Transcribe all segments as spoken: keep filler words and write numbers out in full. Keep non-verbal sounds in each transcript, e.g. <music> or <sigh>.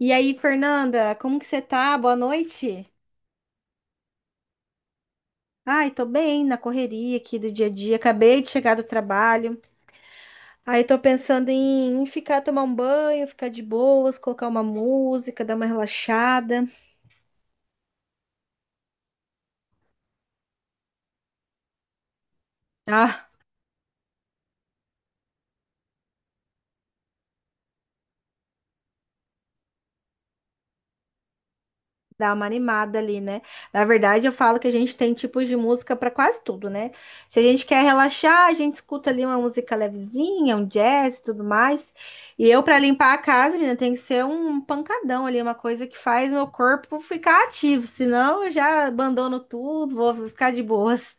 E aí, Fernanda, como que você tá? Boa noite. Ai, tô bem na correria aqui do dia a dia. Acabei de chegar do trabalho. Aí tô pensando em, em ficar tomar um banho, ficar de boas, colocar uma música, dar uma relaxada. Ah, dá uma animada ali, né? Na verdade, eu falo que a gente tem tipos de música para quase tudo, né? Se a gente quer relaxar, a gente escuta ali uma música levezinha, um jazz e tudo mais. E eu, para limpar a casa, menina, tem que ser um pancadão ali, uma coisa que faz meu corpo ficar ativo. Senão, eu já abandono tudo, vou ficar de boas.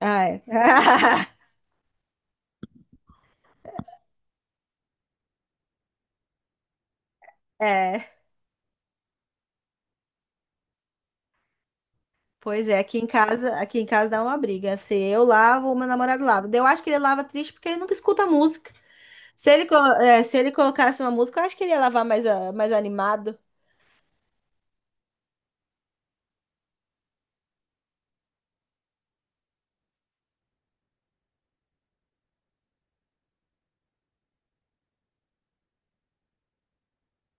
Ah, é. <laughs> É, pois é, aqui em casa, aqui em casa dá uma briga. Se eu lavo, meu namorado lava. Daí eu acho que ele lava triste porque ele nunca escuta música. Se ele, co- é, Se ele colocasse uma música, eu acho que ele ia lavar mais, ah, mais animado.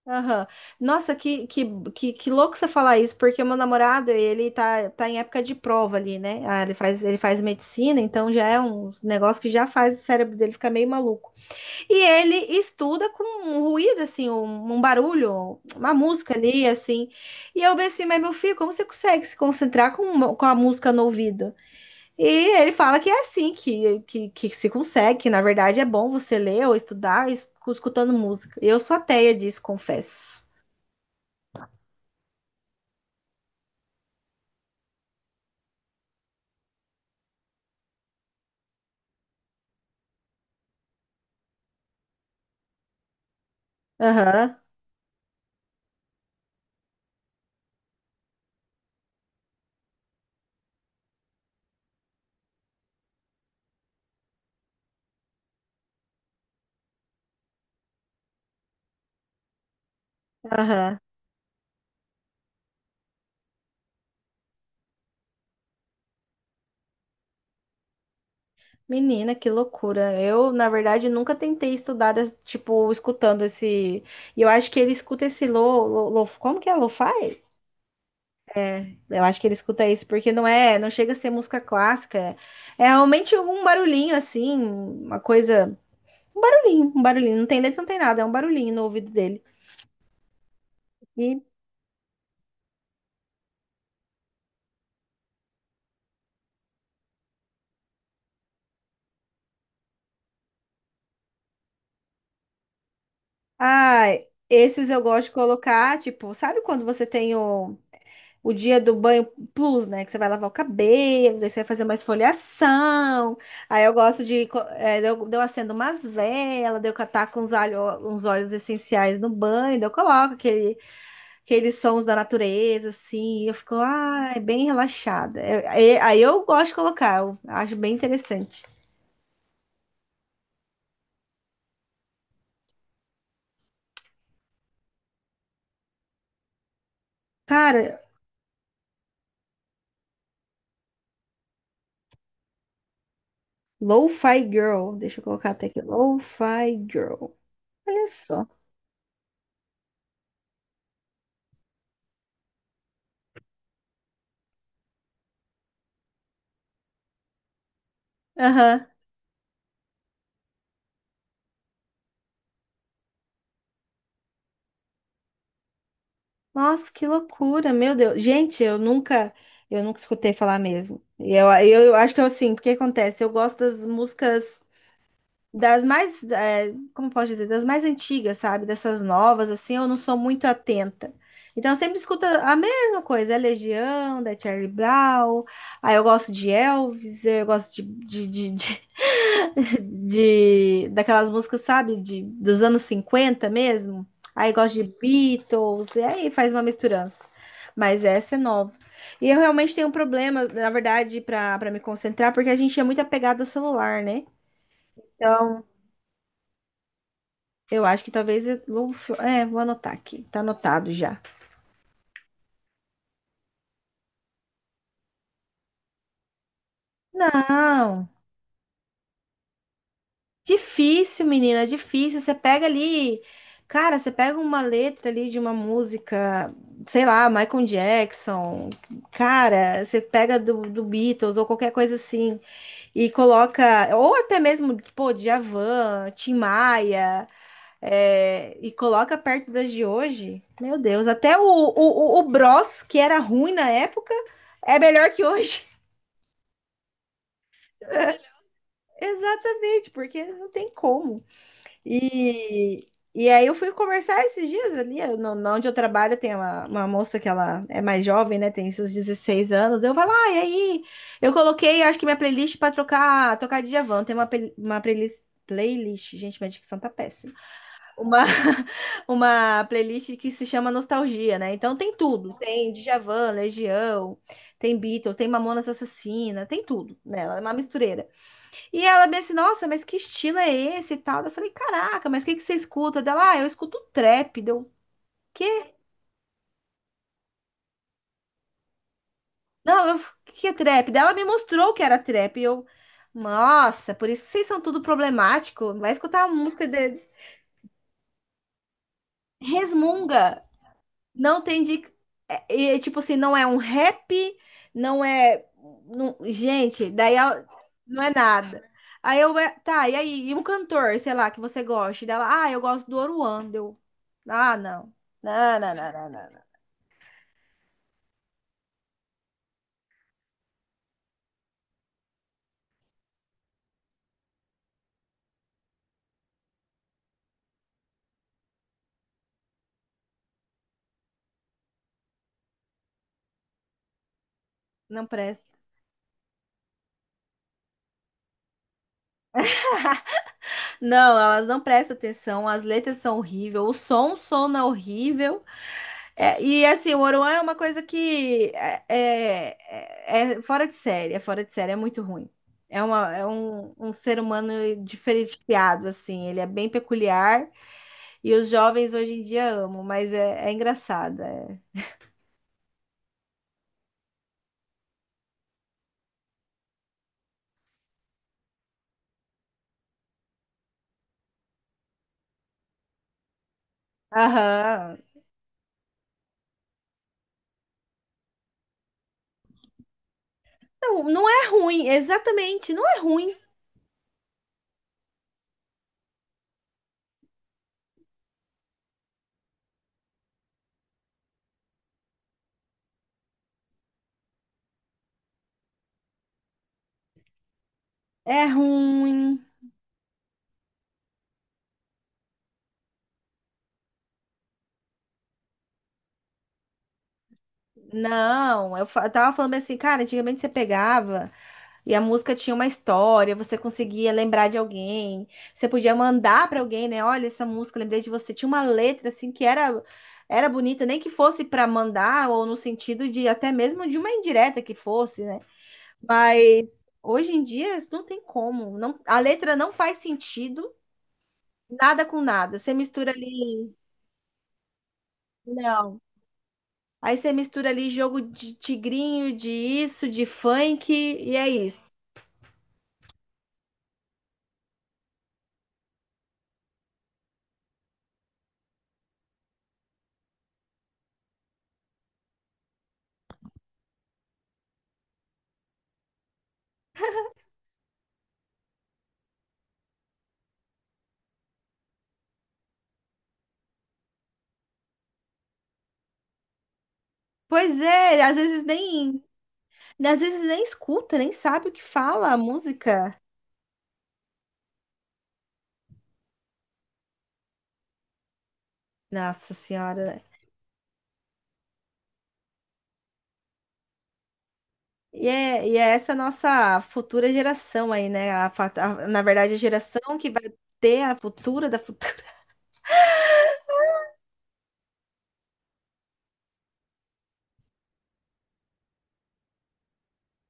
Aham. Nossa, que, que, que, que louco você falar isso, porque o meu namorado, ele tá, tá em época de prova ali, né? Ah, ele faz, ele faz medicina, então já é um negócio que já faz o cérebro dele ficar meio maluco. E ele estuda com um ruído, assim, um, um barulho, uma música ali, assim. E eu pensei, mas meu filho, como você consegue se concentrar com, uma- com a música no ouvido? E ele fala que é assim que, que, que se consegue, que na verdade é bom você ler ou estudar es- escutando música. Eu sou ateia disso, confesso. Aham, aham. Menina, que loucura. Eu, na verdade, nunca tentei estudar, des- tipo, escutando esse. E eu acho que ele escuta esse lo, lo, lo- como que é? Lo-fi? É, eu acho que ele escuta isso, porque não é, não chega a ser música clássica. É realmente um barulhinho assim, uma coisa. Um barulhinho, um barulhinho. Não tem letra, não tem nada, é um barulhinho no ouvido dele. E Ah, esses eu gosto de colocar, tipo, sabe quando você tem o, o dia do banho plus, né? Que você vai lavar o cabelo, daí você vai fazer uma esfoliação. Aí eu gosto de, co- é, daí eu, Daí eu acendo umas velas, daí eu catar com uns, alho, uns óleos essenciais no banho, daí eu coloco aquele, aqueles sons da natureza, assim, e eu fico, ai, bem relaxada. Eu- aí aí eu gosto de colocar, eu acho bem interessante. Cara, Lo-Fi Girl, deixa eu colocar até aqui, Lo-Fi Girl. Olha só. Aham. Nossa, que loucura, meu Deus. Gente, eu nunca, eu nunca escutei falar mesmo. E Eu, eu, eu acho que eu assim, porque acontece, eu gosto das músicas das mais, eh, como posso dizer, das mais antigas, sabe? Dessas novas, assim, eu não sou muito atenta. Então, eu sempre escuto a mesma coisa, é Legião, da Charlie Brown, aí eu gosto de Elvis, eu gosto de, de, de, de de daquelas músicas, sabe, de, dos anos cinquenta mesmo. Aí gosta de Beatles, e aí faz uma misturança. Mas essa é nova. E eu realmente tenho um problema, na verdade, para para me concentrar, porque a gente é muito apegado ao celular, né? Então, eu acho que talvez eu, vou- é, vou anotar aqui. Tá anotado já. Não. Difícil, menina, é difícil. Você pega ali, cara, você pega uma letra ali de uma música, sei lá, Michael Jackson, cara, você pega do, do Beatles ou qualquer coisa assim e coloca, ou até mesmo, pô, Djavan, Tim Maia, é, e coloca perto das de hoje. Meu Deus, até o, o, o o Bros, que era ruim na época, é melhor que hoje. <laughs> Exatamente, porque não tem como. E, e aí eu fui conversar esses dias ali, eu- no, no onde eu trabalho tem uma, uma moça que ela é mais jovem, né, tem seus dezesseis anos, eu falo, ah, e aí? Eu coloquei, acho que minha playlist para trocar, tocar Djavan, tem uma, pel- uma playlist, playlist, gente, minha dicção tá péssima, uma, <laughs> uma playlist que se chama Nostalgia, né, então tem tudo, tem Djavan, Legião, tem Beatles, tem Mamonas Assassina, tem tudo nela, é uma mistureira. E ela me assim, nossa, mas que estilo é esse e tal? Eu falei, caraca, mas o que que você escuta? Dela, ah, eu escuto trap. Deu, quê? Não, eu, o que que é trap? Daí ela me mostrou o que era trap. E eu, nossa, por isso que vocês são tudo problemático. Vai escutar a música deles. Resmunga. Não tem de. É, é, tipo assim, não é um rap, não é. não- gente, daí a- não é nada. Aí eu. é, Tá, e aí? E um cantor, sei lá, que você gosta dela? Ah, eu gosto do oruando, ah, não. Não, não, não, não, não. Não. Não presta. Não, elas não prestam atenção, as letras são horríveis, o som, o som é horrível. É, e assim, o Oruan é uma coisa que é, é, é é fora de série, é fora de série, é muito ruim. É, uma, é um, um ser humano diferenciado, assim, ele é bem peculiar e os jovens hoje em dia amam, mas é, é engraçado. É. Aham. Não, não é ruim, exatamente, não é ruim. É ruim. Não, eu, fa- Eu tava falando assim, cara, antigamente você pegava. E a música tinha uma história, você conseguia lembrar de alguém, você podia mandar para alguém, né? Olha essa música, lembrei de você. Tinha uma letra assim que era era bonita, nem que fosse para mandar ou no sentido de até mesmo de uma indireta que fosse, né? Mas hoje em dia não tem como, não, a letra não faz sentido, nada com nada. Você mistura ali, não. Aí você mistura ali jogo de tigrinho, de isso, de funk, e é isso. Pois é, às vezes nem E às vezes nem escuta, nem sabe o que fala a música. Nossa Senhora. E é, e é essa nossa futura geração aí, né? A fa- a- na verdade, a geração que vai ter a futura da futura. <laughs>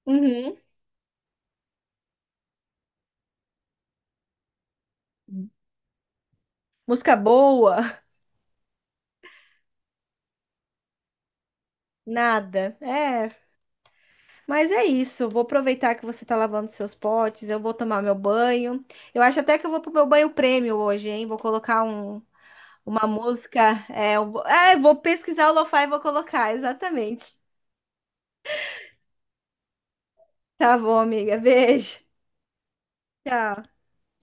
Uhum. Música boa, nada. É, mas é isso. Eu vou aproveitar que você tá lavando seus potes, eu vou tomar meu banho. Eu acho até que eu vou pro meu banho prêmio hoje, hein? Vou colocar um, uma música. É, eu vou, é, vou pesquisar o lo-fi e vou colocar, exatamente. Tá bom, amiga. Beijo. Tchau.